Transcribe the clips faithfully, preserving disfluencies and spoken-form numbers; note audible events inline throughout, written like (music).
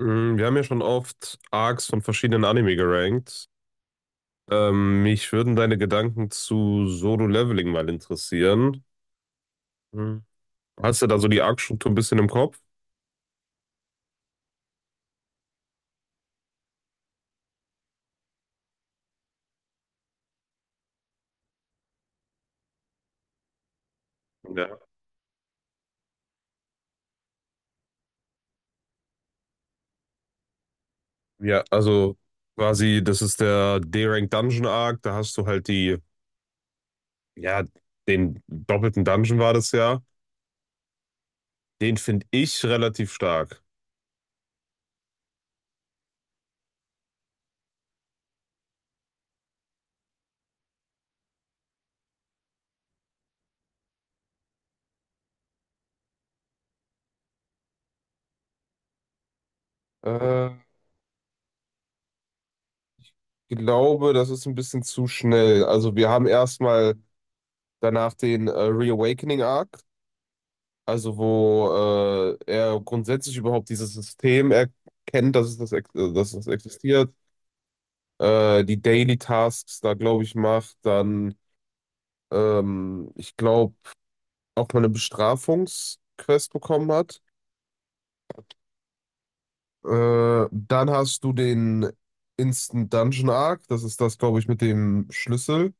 Mm, Wir haben ja schon oft Arcs von verschiedenen Anime gerankt. Ähm, mich würden deine Gedanken zu Solo Leveling mal interessieren. Mhm. Hast du da so die Arc-Struktur ein bisschen im Kopf? Ja. Ja, also quasi, das ist der D-Rank Dungeon Arc. Da hast du halt die, ja, den doppelten Dungeon war das ja. Den finde ich relativ stark. Äh, Ich glaube, das ist ein bisschen zu schnell. Also wir haben erstmal danach den äh, Reawakening Arc. Also wo äh, er grundsätzlich überhaupt dieses System erkennt, dass es das, ex- äh, dass das existiert, äh, die Daily Tasks da, glaube ich, macht, dann, ähm, ich glaube, auch mal eine Bestrafungsquest bekommen hat. Äh, dann hast du den Instant Dungeon Arc, das ist das, glaube ich, mit dem Schlüssel,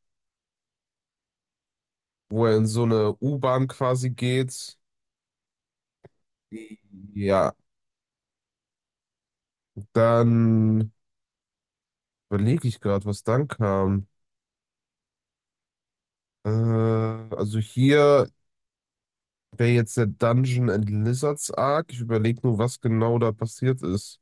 wo er in so eine U-Bahn quasi geht. Ja, dann überlege ich gerade, was dann kam. Äh, also hier wäre jetzt der Dungeon and Lizards Arc. Ich überlege nur, was genau da passiert ist.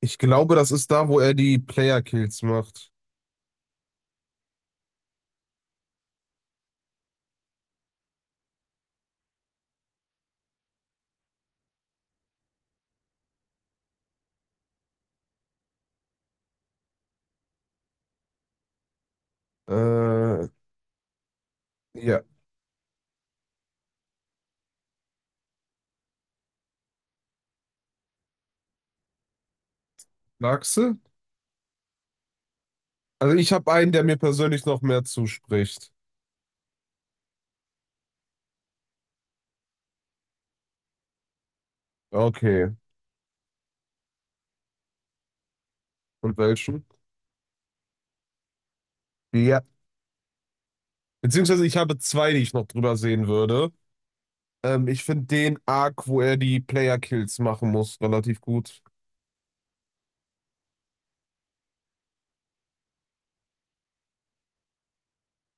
Ich glaube, das ist da, wo er die Player-Kills macht. Äh, ja. Magst du? Also ich habe einen, der mir persönlich noch mehr zuspricht. Okay. Und welchen? Ja. Beziehungsweise ich habe zwei, die ich noch drüber sehen würde. Ähm, ich finde den Arc, wo er die Player-Kills machen muss, relativ gut.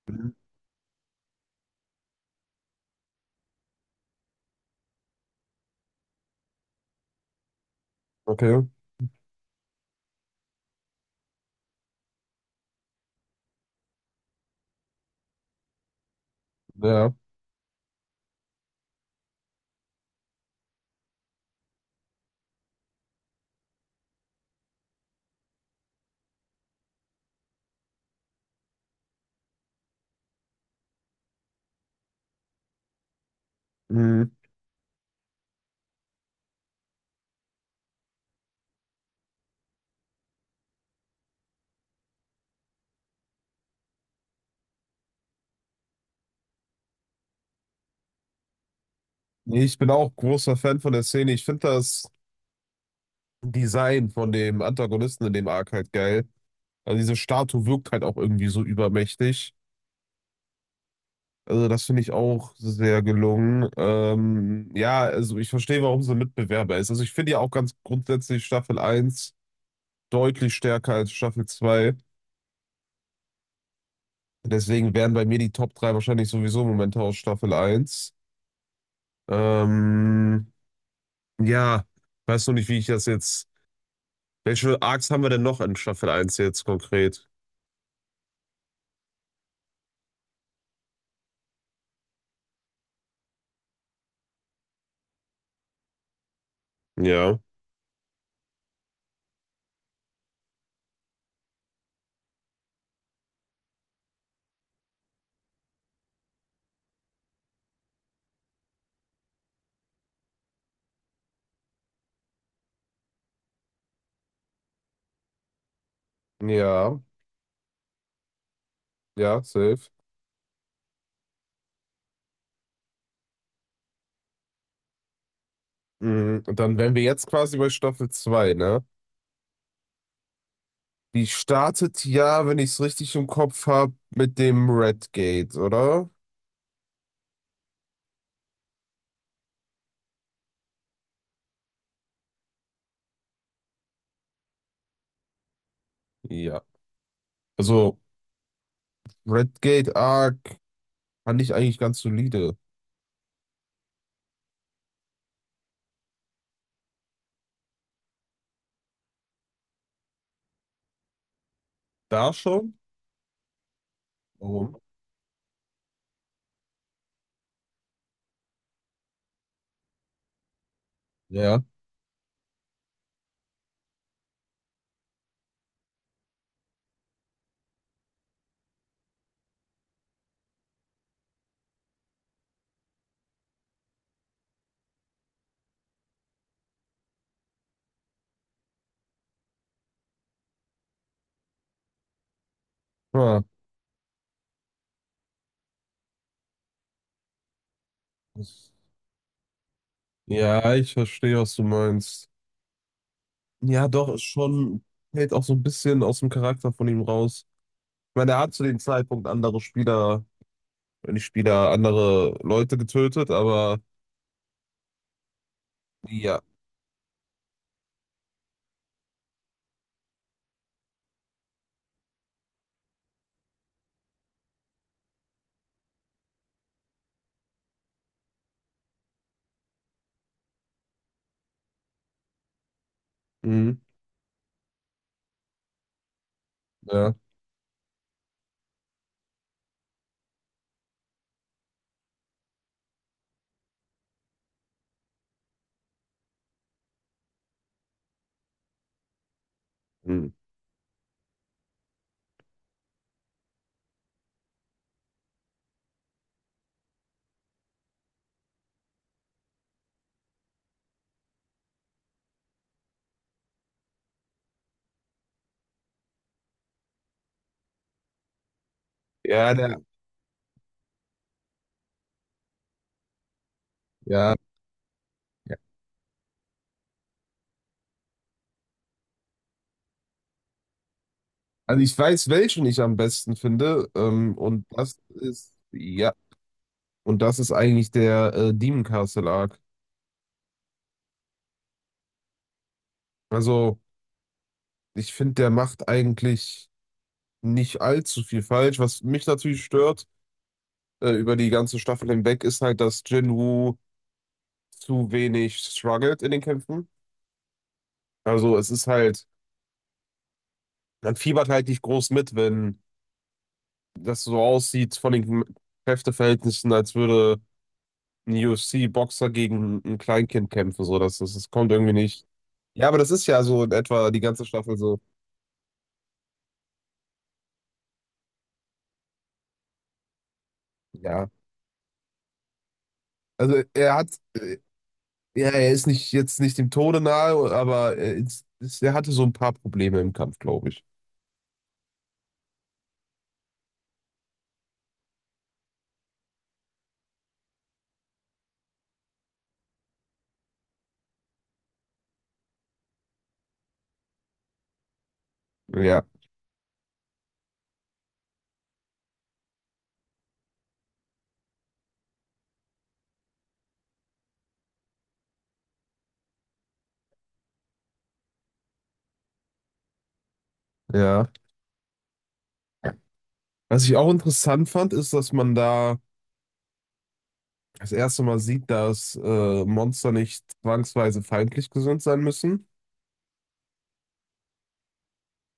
Mhm. Okay. Ja. Mhm. Nee, ich bin auch großer Fan von der Szene. Ich finde das. Design von dem Antagonisten in dem Arc halt geil. Also diese Statue wirkt halt auch irgendwie so übermächtig. Also das finde ich auch sehr gelungen. Ähm, ja, also ich verstehe, warum sie Mitbewerber ist. Also ich finde ja auch ganz grundsätzlich Staffel eins deutlich stärker als Staffel zwei. Deswegen wären bei mir die Top drei wahrscheinlich sowieso Momente aus Staffel eins. Ähm, ja, weiß noch nicht, wie ich das jetzt. Welche Arcs haben wir denn noch in Staffel eins jetzt konkret? Ja. Ja, ja, safe. Mhm. Und dann wären wir jetzt quasi bei Staffel zwei, ne? Die startet ja, wenn ich es richtig im Kopf habe, mit dem Red Gate, oder? Ja. Also, Red Gate Arc fand ich eigentlich ganz solide. Da schon? Warum? Ja. Ah, das- Ja, ich verstehe, was du meinst. Ja, doch, ist schon, hält auch so ein bisschen aus dem Charakter von ihm raus. Ich meine, er hat zu dem Zeitpunkt andere Spieler, wenn nicht Spieler, andere Leute getötet, aber ja. Mhm. Ja. Ja, der, ja, ja. Also ich weiß, welchen ich am besten finde. Ähm, und das ist, ja, und das ist eigentlich der äh, Demon Castle Arc. Also ich finde, der macht eigentlich nicht allzu viel falsch. Was mich natürlich stört, äh, über die ganze Staffel hinweg, ist halt, dass Jinwoo zu wenig struggelt in den Kämpfen. Also es ist halt, man fiebert halt nicht groß mit, wenn das so aussieht von den Kräfteverhältnissen, als würde U F C-Boxer gegen ein Kleinkind kämpfen, so, das, das, das kommt irgendwie nicht. Ja, aber das ist ja so in etwa die ganze Staffel so. Ja, also er hat, ja, er ist nicht jetzt nicht dem Tode nahe, aber er, ist, ist- er hatte so ein paar Probleme im Kampf, glaube ich. Ja, ja. Was ich auch interessant fand, ist, dass man da das erste Mal sieht, dass äh, Monster nicht zwangsweise feindlich gesinnt sein müssen.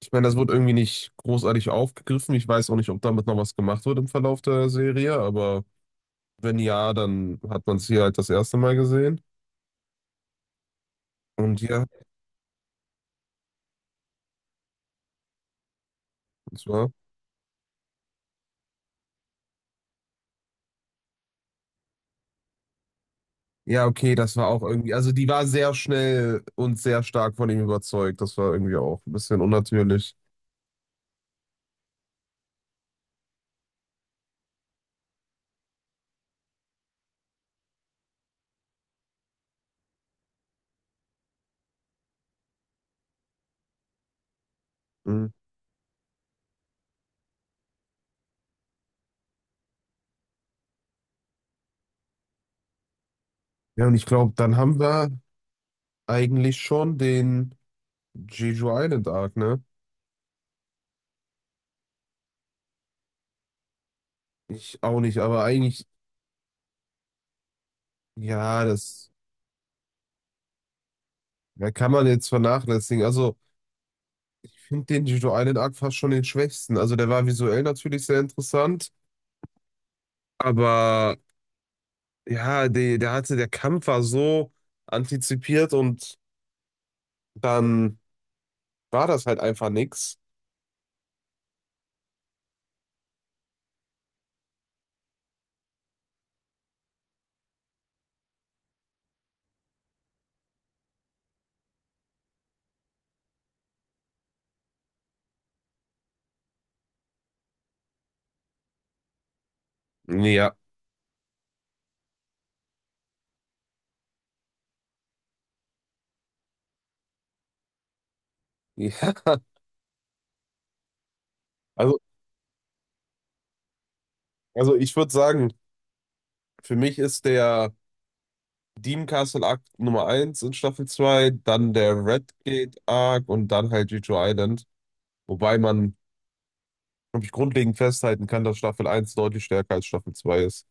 Ich meine, das wurde irgendwie nicht großartig aufgegriffen. Ich weiß auch nicht, ob damit noch was gemacht wird im Verlauf der Serie, aber. Wenn ja, dann hat man es hier halt das erste Mal gesehen. Und ja, das war. Ja, okay, das war auch irgendwie. Also, die war sehr schnell und sehr stark von ihm überzeugt. Das war irgendwie auch ein bisschen unnatürlich. Mhm. Ja, und ich glaube, dann haben wir eigentlich schon den Jeju Island Arc, ne? Ich auch nicht, aber eigentlich, ja, das ja, kann man jetzt vernachlässigen. Also, ich finde den Jeju Island Arc fast schon den schwächsten. Also, der war visuell natürlich sehr interessant, aber ja, der, der hatte, der Kampf war so antizipiert und dann war das halt einfach nix. Ja. (laughs) Ja. Also, also ich würde sagen, für mich ist der Dean Castle Arc Nummer eins in Staffel zwei, dann der Redgate Arc und dann halt Jeju Island. Wobei man, glaube ich, grundlegend festhalten kann, dass Staffel eins deutlich stärker als Staffel zwei ist.